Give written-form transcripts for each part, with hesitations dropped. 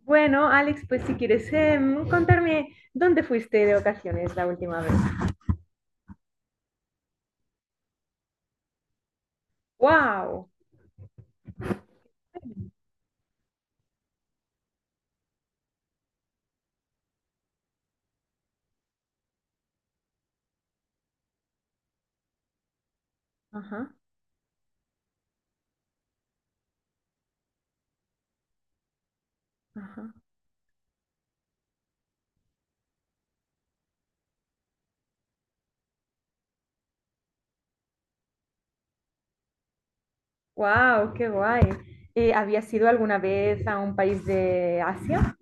Bueno, Alex, pues si quieres contarme dónde fuiste de ocasiones la última vez. ¡Wow! Ajá, ajá. ¡Wow! ¡Qué guay! ¿Habías ido alguna vez a un país de Asia?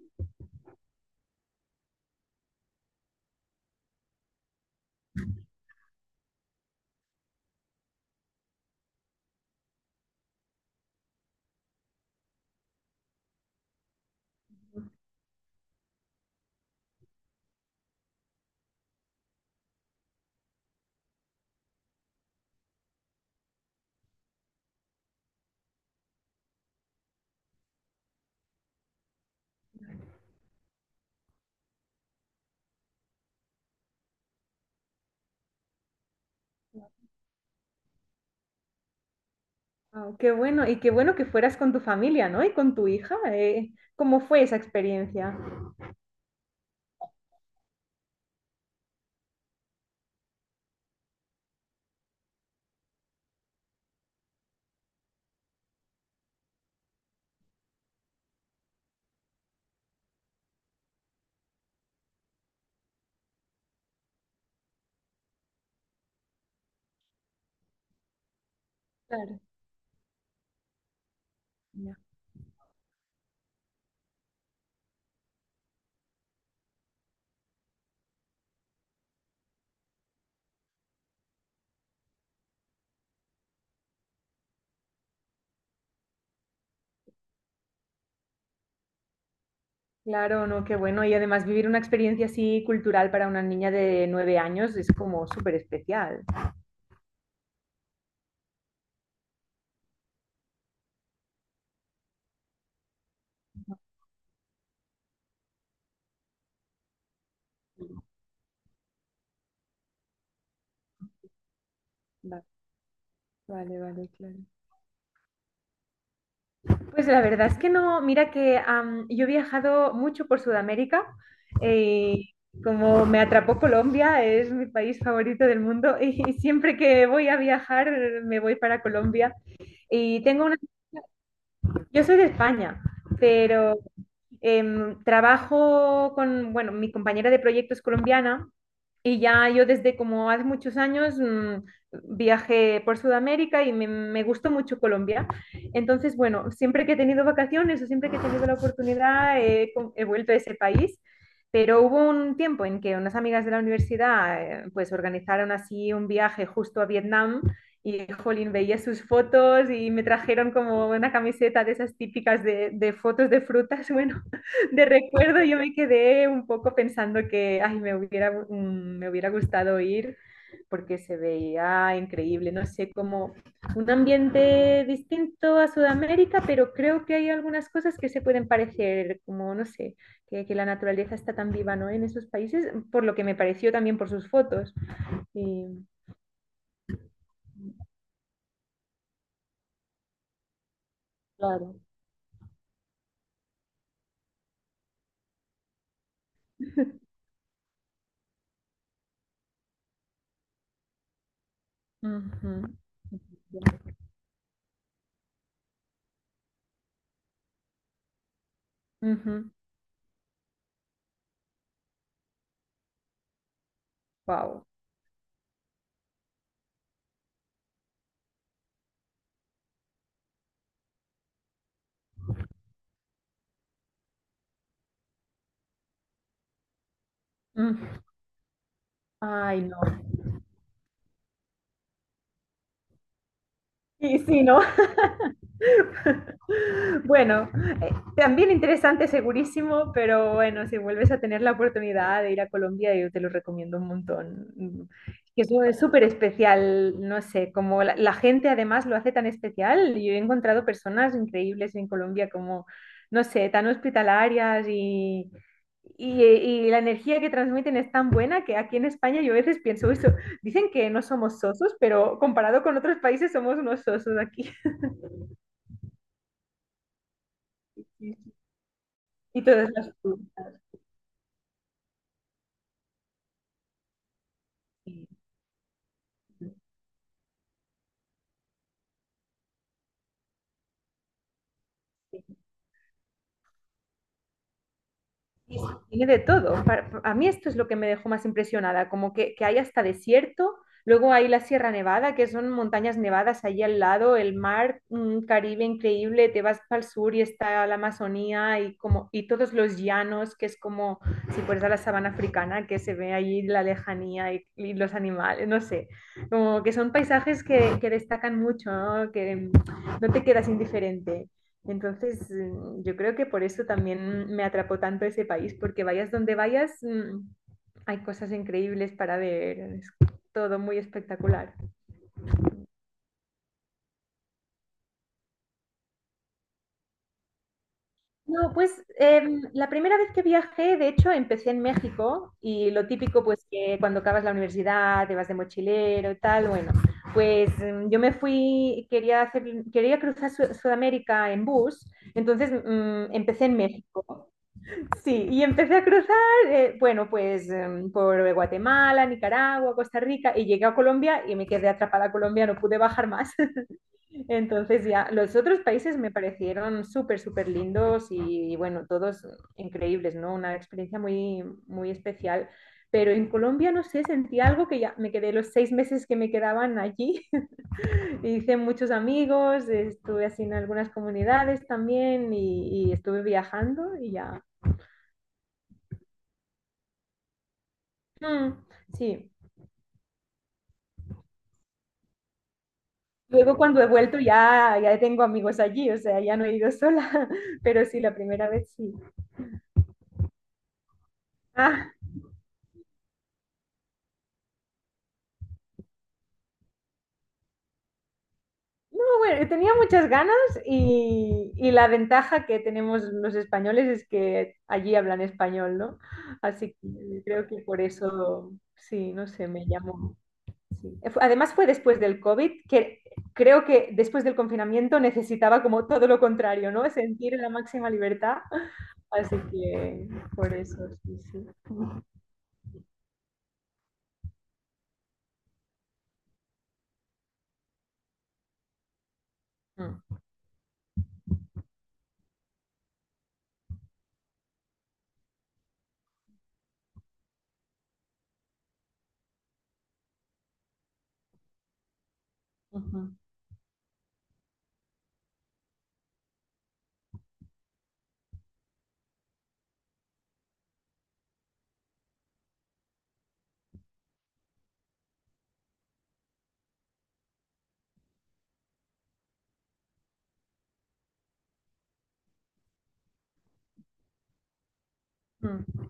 Guau, ¡qué bueno! Y qué bueno que fueras con tu familia, ¿no? Y con tu hija. ¿Cómo fue esa experiencia? Claro, ya. Claro, no, qué bueno. Y además vivir una experiencia así cultural para una niña de 9 años es como súper especial. Vale, vale, vale, claro. Pues la verdad es que no, mira que yo he viajado mucho por Sudamérica, eh, y como me atrapó Colombia, es mi país favorito del mundo y siempre que voy a viajar me voy para Colombia y tengo una, yo soy de España, pero trabajo con, bueno, mi compañera de proyecto es colombiana y ya yo desde como hace muchos años, viajé por Sudamérica y me gustó mucho Colombia. Entonces, bueno, siempre que he tenido vacaciones o siempre que he tenido la oportunidad, he vuelto a ese país. Pero hubo un tiempo en que unas amigas de la universidad, pues organizaron así un viaje justo a Vietnam y, jolín, veía sus fotos y me trajeron como una camiseta de esas típicas de, fotos de frutas, bueno, de recuerdo. Yo me quedé un poco pensando que ay, me hubiera, me hubiera gustado ir porque se veía increíble, no sé, como un ambiente distinto a Sudamérica, pero creo que hay algunas cosas que se pueden parecer, como no sé, que la naturaleza está tan viva, ¿no? En esos países, por lo que me pareció también por sus fotos. Y claro. Ujú. Ujú. Wow. Mm. Ay, no. Sí, sí, no. Bueno, también interesante, segurísimo, pero bueno, si vuelves a tener la oportunidad de ir a Colombia, yo te lo recomiendo un montón. Que eso es súper especial, no sé, como la gente además lo hace tan especial. Yo he encontrado personas increíbles en Colombia, como, no sé, tan hospitalarias y, y la energía que transmiten es tan buena que aquí en España yo a veces pienso eso. Dicen que no somos sosos, pero comparado con otros países somos unos sosos aquí. Y todas las... Sí, sí, sí, tiene de todo. A mí esto es lo que me dejó más impresionada, como que, hay hasta desierto, luego hay la Sierra Nevada, que son montañas nevadas allí al lado, el mar, un Caribe increíble, te vas para el sur y está la Amazonía y, como, y todos los llanos, que es como si fueras a la sabana africana, que se ve allí la lejanía y, los animales, no sé, como que son paisajes que destacan mucho, ¿no? Que no te quedas indiferente. Entonces, yo creo que por eso también me atrapó tanto ese país, porque vayas donde vayas, hay cosas increíbles para ver, es todo muy espectacular. No, pues la primera vez que viajé, de hecho, empecé en México y lo típico, pues que cuando acabas la universidad, te vas de mochilero, tal, bueno, pues yo me fui, quería cruzar Sudamérica en bus, entonces empecé en México. Sí, y empecé a cruzar, bueno, pues por Guatemala, Nicaragua, Costa Rica, y llegué a Colombia y me quedé atrapada a Colombia, no pude bajar más. Entonces ya, los otros países me parecieron súper, súper lindos y, bueno, todos increíbles, ¿no? Una experiencia muy, muy especial. Pero en Colombia, no sé, sentí algo que ya me quedé los 6 meses que me quedaban allí. Hice muchos amigos, estuve así en algunas comunidades también y, estuve viajando y ya. Mm, sí. Luego cuando he vuelto ya, ya tengo amigos allí, o sea, ya no he ido sola, pero sí, la primera vez sí. Ah, no, bueno, tenía muchas ganas y la ventaja que tenemos los españoles es que allí hablan español, ¿no? Así que creo que por eso, sí, no sé, me llamó. Sí. Además fue después del COVID, que creo que después del confinamiento necesitaba como todo lo contrario, ¿no? Sentir la máxima libertad, así que por eso, sí, sí. Mm, ujú. Ujú,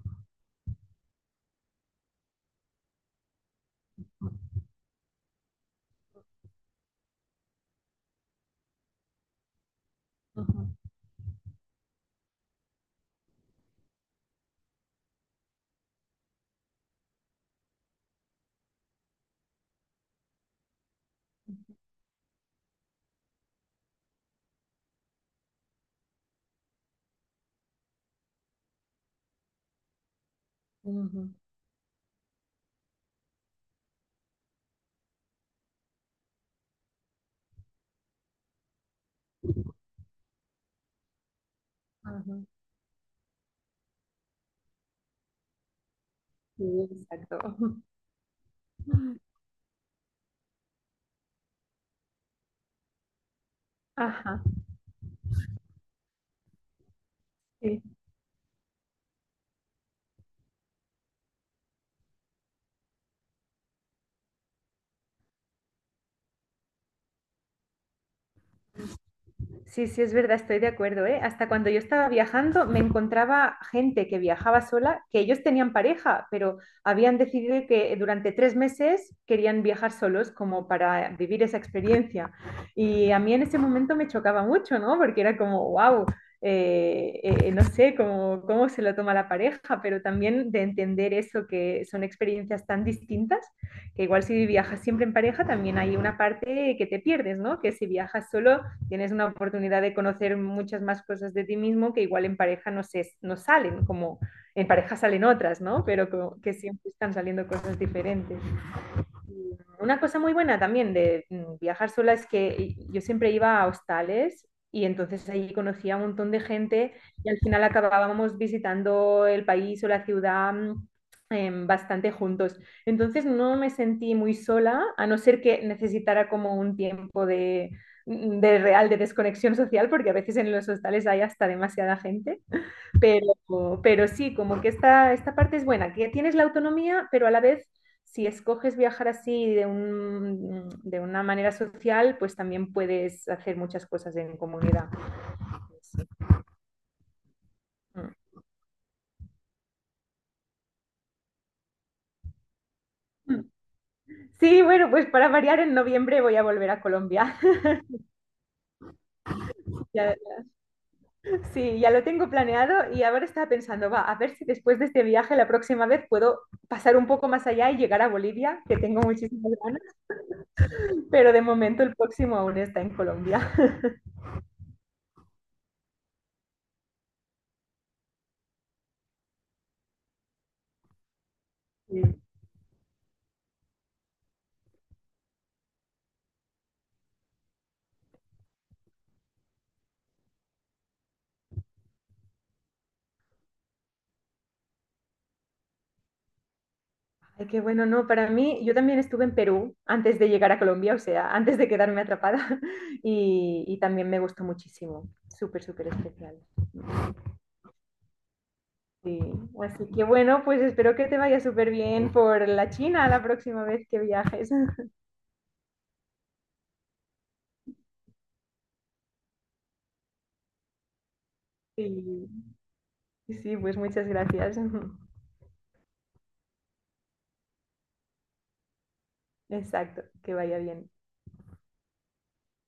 ujú, ujú, ajá, sí, exacto. Ajá, sí. Sí, sí, es verdad, estoy de acuerdo, ¿eh? Hasta cuando yo estaba viajando me encontraba gente que viajaba sola, que ellos tenían pareja, pero habían decidido que durante 3 meses querían viajar solos como para vivir esa experiencia. Y a mí en ese momento me chocaba mucho, ¿no? Porque era como, wow, no sé cómo se lo toma la pareja, pero también de entender eso, que son experiencias tan distintas, que igual si viajas siempre en pareja, también hay una parte que te pierdes, ¿no? Que si viajas solo tienes una oportunidad de conocer muchas más cosas de ti mismo que igual en pareja no, no salen, como en pareja salen otras, ¿no? Pero que, siempre están saliendo cosas diferentes. Una cosa muy buena también de viajar sola es que yo siempre iba a hostales y entonces ahí conocía a un montón de gente y al final acabábamos visitando el país o la ciudad, bastante juntos. Entonces no me sentí muy sola, a no ser que necesitara como un tiempo de real de desconexión social, porque a veces en los hostales hay hasta demasiada gente. Pero sí, como que esta, parte es buena, que tienes la autonomía, pero a la vez, si escoges viajar así de una manera social, pues también puedes hacer muchas cosas en comunidad. Pues. Mm. Sí, bueno, pues para variar, en noviembre voy a volver a Colombia. Ya- sí, ya lo tengo planeado y ahora estaba pensando, va, a ver si después de este viaje la próxima vez puedo pasar un poco más allá y llegar a Bolivia, que tengo muchísimas ganas, pero de momento el próximo aún está en Colombia. Sí. Ay, qué bueno, no, para mí, yo también estuve en Perú antes de llegar a Colombia, o sea, antes de quedarme atrapada, y, también me gustó muchísimo, súper, súper especial. Sí. Así que bueno, pues espero que te vaya súper bien por la China la próxima vez que viajes. Sí, sí, pues muchas gracias. Exacto, que vaya bien.